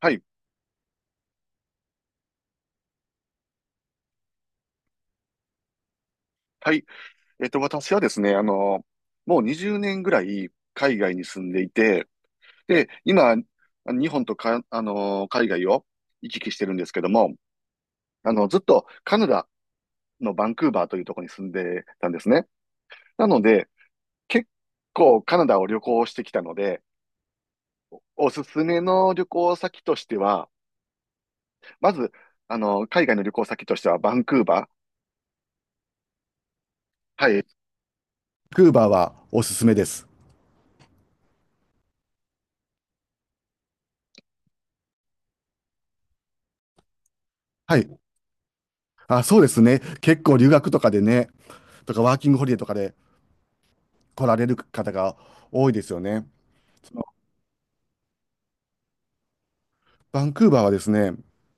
はい。はい。私はですね、もう20年ぐらい海外に住んでいて、で、今、日本とか、海外を行き来してるんですけども、ずっとカナダのバンクーバーというところに住んでたんですね。なので、結構カナダを旅行してきたので、おすすめの旅行先としては、まず、海外の旅行先としてはバンクーバー。はい。バンクーバーはおすすめです。はい。あ、そうですね。結構留学とかでね、とかワーキングホリデーとかで来られる方が多いですよね。そのバンクーバーはですね、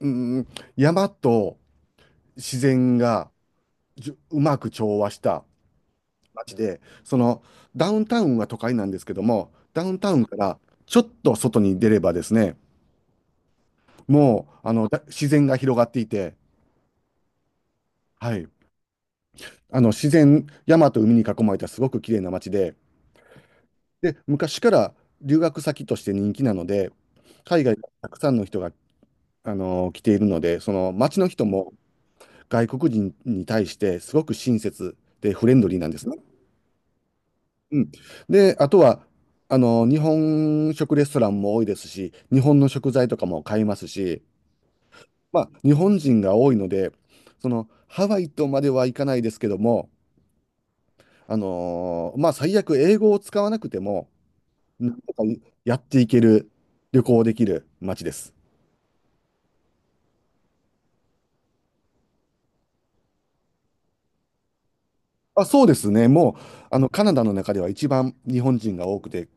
うん、山と自然がじゅうまく調和した街で、そのダウンタウンは都会なんですけども、ダウンタウンからちょっと外に出ればですね、もうあのだ自然が広がっていて、はい、あの自然、山と海に囲まれたすごく綺麗な街で、で、昔から留学先として人気なので、海外からたくさんの人が来ているので、その街の人も外国人に対してすごく親切でフレンドリーなんですね。うん。で、あとは、日本食レストランも多いですし、日本の食材とかも買いますし、まあ、日本人が多いので、ハワイとまではいかないですけども、まあ、最悪英語を使わなくても、なんとかやっていける、旅行できる街です。あ、そうですね。もう、カナダの中では一番日本人が多くて、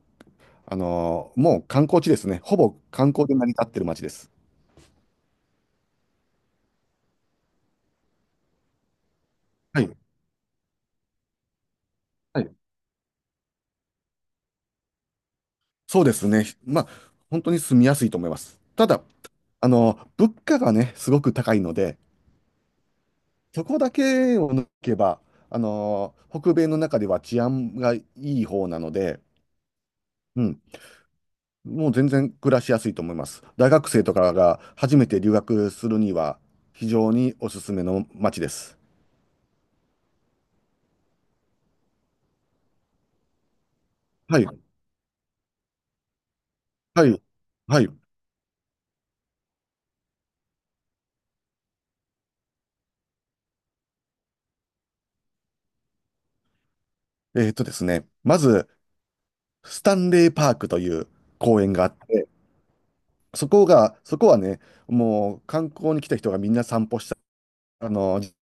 もう観光地ですね。ほぼ観光で成り立ってる街です。はい。はい。そうですね。まあ、本当に住みやすいと思います。ただ、物価がね、すごく高いので、そこだけを抜けば、北米の中では治安がいい方なので、うん、もう全然暮らしやすいと思います。大学生とかが初めて留学するには、非常におすすめの街です。はい。はい。はい。ですね、まず、スタンレーパークという公園があって、そこはね、もう観光に来た人がみんな散歩した、自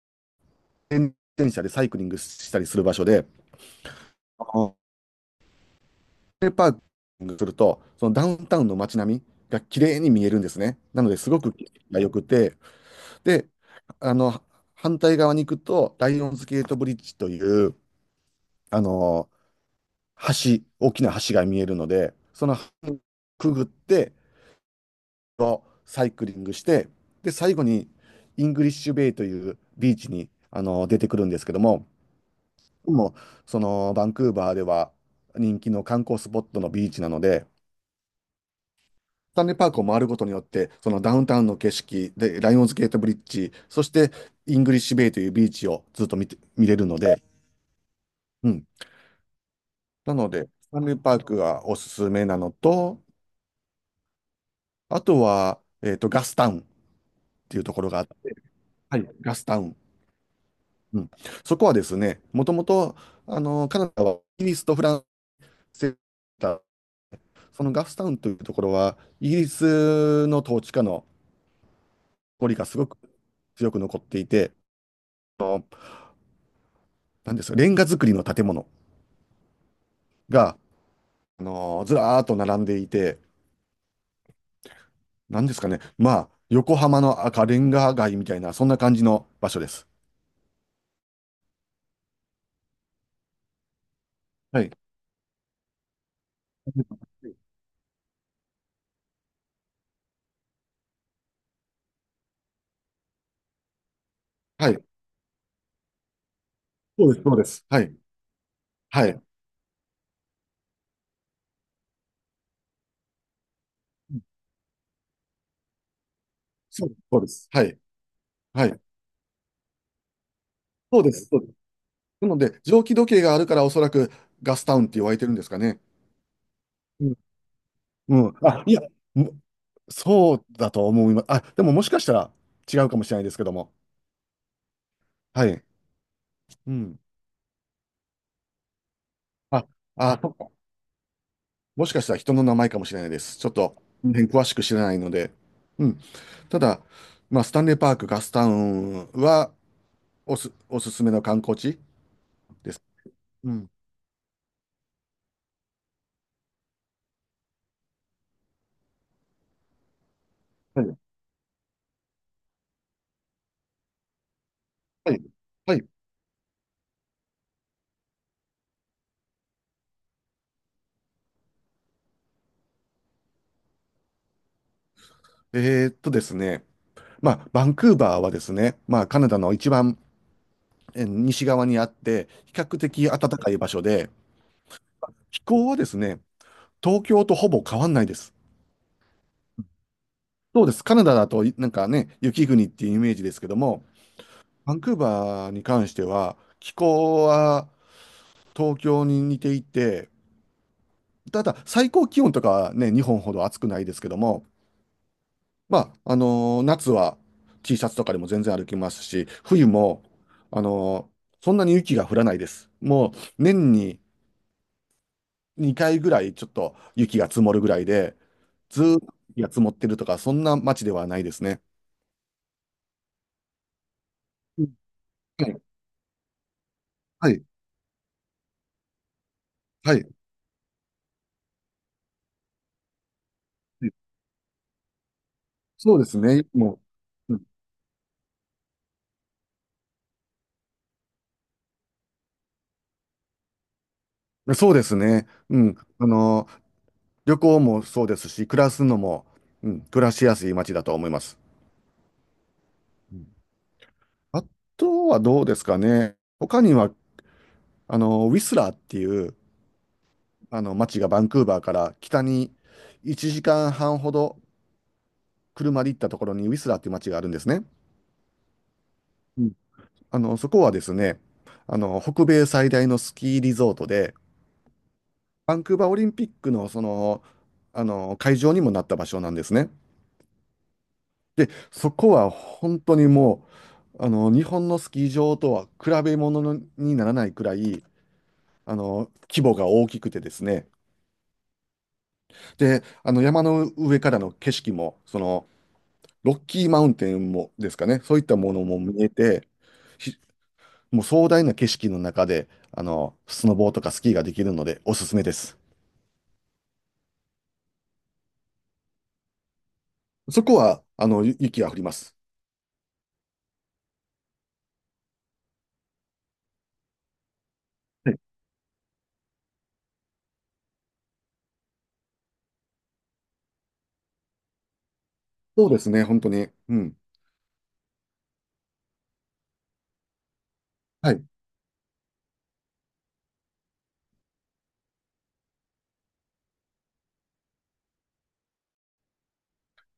転車でサイクリングしたりする場所で、あのスタンレーパークすると、そのダウンタウンの街並みが綺麗に見えるんですね。なのですごく景色が良くて、で、あの、反対側に行くと、ライオンズゲートブリッジという、あの、大きな橋が見えるので、その橋をくぐって、サイクリングして、で、最後にイングリッシュベイというビーチに出てくるんですけども、もうそのバンクーバーでは人気の観光スポットのビーチなので、スタンレーパークを回ることによって、そのダウンタウンの景色で、ライオンズゲートブリッジ、そしてイングリッシュベイというビーチをずっと見れるので、うん。なので、スタンレーパークがおすすめなのと、あとは、ガスタウンっていうところがあって、はい、ガスタウン。うん、そこはですね、もともとカナダはイギリスとフランスだ。そのガフスタウンというところは、イギリスの統治下の残りがすごく強く残っていて、あのなんですか、レンガ造りの建物がずらーっと並んでいて、なんですかね、まあ、横浜の赤レンガ街みたいな、そんな感じの場所です。はい。はい。そうです、そうです。はい。はい。そうです、そうです。はい。はい。そうです、そうです。なので、蒸気時計があるから、おそらくガスタウンって言われてるんですかね。うん。うん。あ、いや、もそうだと思います。あ、でももしかしたら違うかもしれないですけども。はい。うん。あ、あ、そっか、もしかしたら人の名前かもしれないです。ちょっと、ね、詳しく知らないので。うん。ただ、まあ、スタンレーパーク、ガスタウンはおすすめの観光地です。うん。はい。はい。はい。ですね。まあ、バンクーバーはですね、まあ、カナダの一番西側にあって、比較的暖かい場所で、気候はですね、東京とほぼ変わんないです。そうです。カナダだとなんかね、雪国っていうイメージですけども、バンクーバーに関しては、気候は東京に似ていて、ただ最高気温とかはね、日本ほど暑くないですけども、まあ、夏は T シャツとかでも全然歩きますし、冬も、そんなに雪が降らないです。もう年に2回ぐらいちょっと雪が積もるぐらいで、ずーっと雪が積もってるとか、そんな街ではないですね。うん。はい、はい、はい。そうですね。もう、うん、そうですね。うん。旅行もそうですし、暮らすのも、うん、暮らしやすい街だと思います。うんあとはどうですかね。他には、ウィスラーっていう、街がバンクーバーから北に1時間半ほど車で行ったところにウィスラーっていう街があるんですね。そこはですね、北米最大のスキーリゾートで、バンクーバーオリンピックの会場にもなった場所なんですね。で、そこは本当にもう、日本のスキー場とは比べ物にならないくらい、規模が大きくてですね。で、山の上からの景色も、ロッキーマウンテンもですかね、そういったものも見えて、ひもう壮大な景色の中で、スノボーとかスキーができるので、おすすめです。そこは、雪が降ります。はい。そうですね、本当に。うん。はい。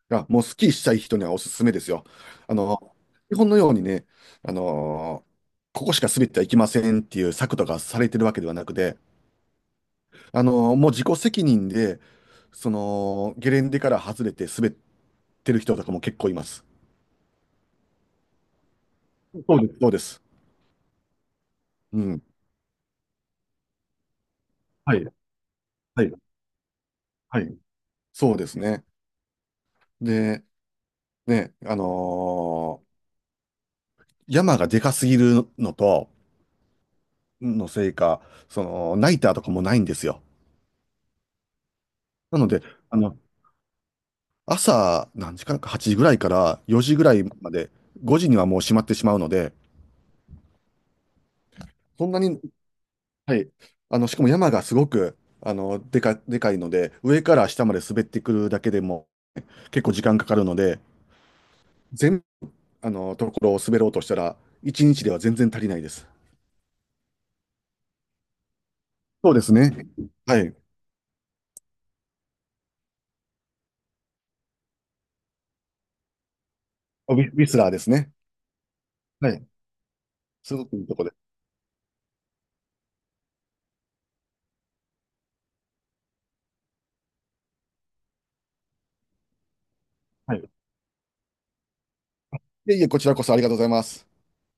あ、もうスキーしたい人にはおすすめですよ。あの、日本のようにね、あのーここしか滑ってはいけませんっていう策とかされてるわけではなくて、もう自己責任で、ゲレンデから外れて滑ってる人とかも結構います。そうです。そうです。うん。はい。そうですね。で、ね、山がでかすぎるのと、のせいか、ナイターとかもないんですよ。なので、あの、朝、何時間か、8時ぐらいから4時ぐらいまで、5時にはもう閉まってしまうので、そんなに、はい。しかも山がすごく、でかいので、上から下まで滑ってくるだけでも結構時間かかるので、全、ところを滑ろうとしたら、1日では全然足りないです。そうですね。はい。ウィスラーですね。はい。すごくいいとこで。はい。いえいえ、こちらこそありがとうございます。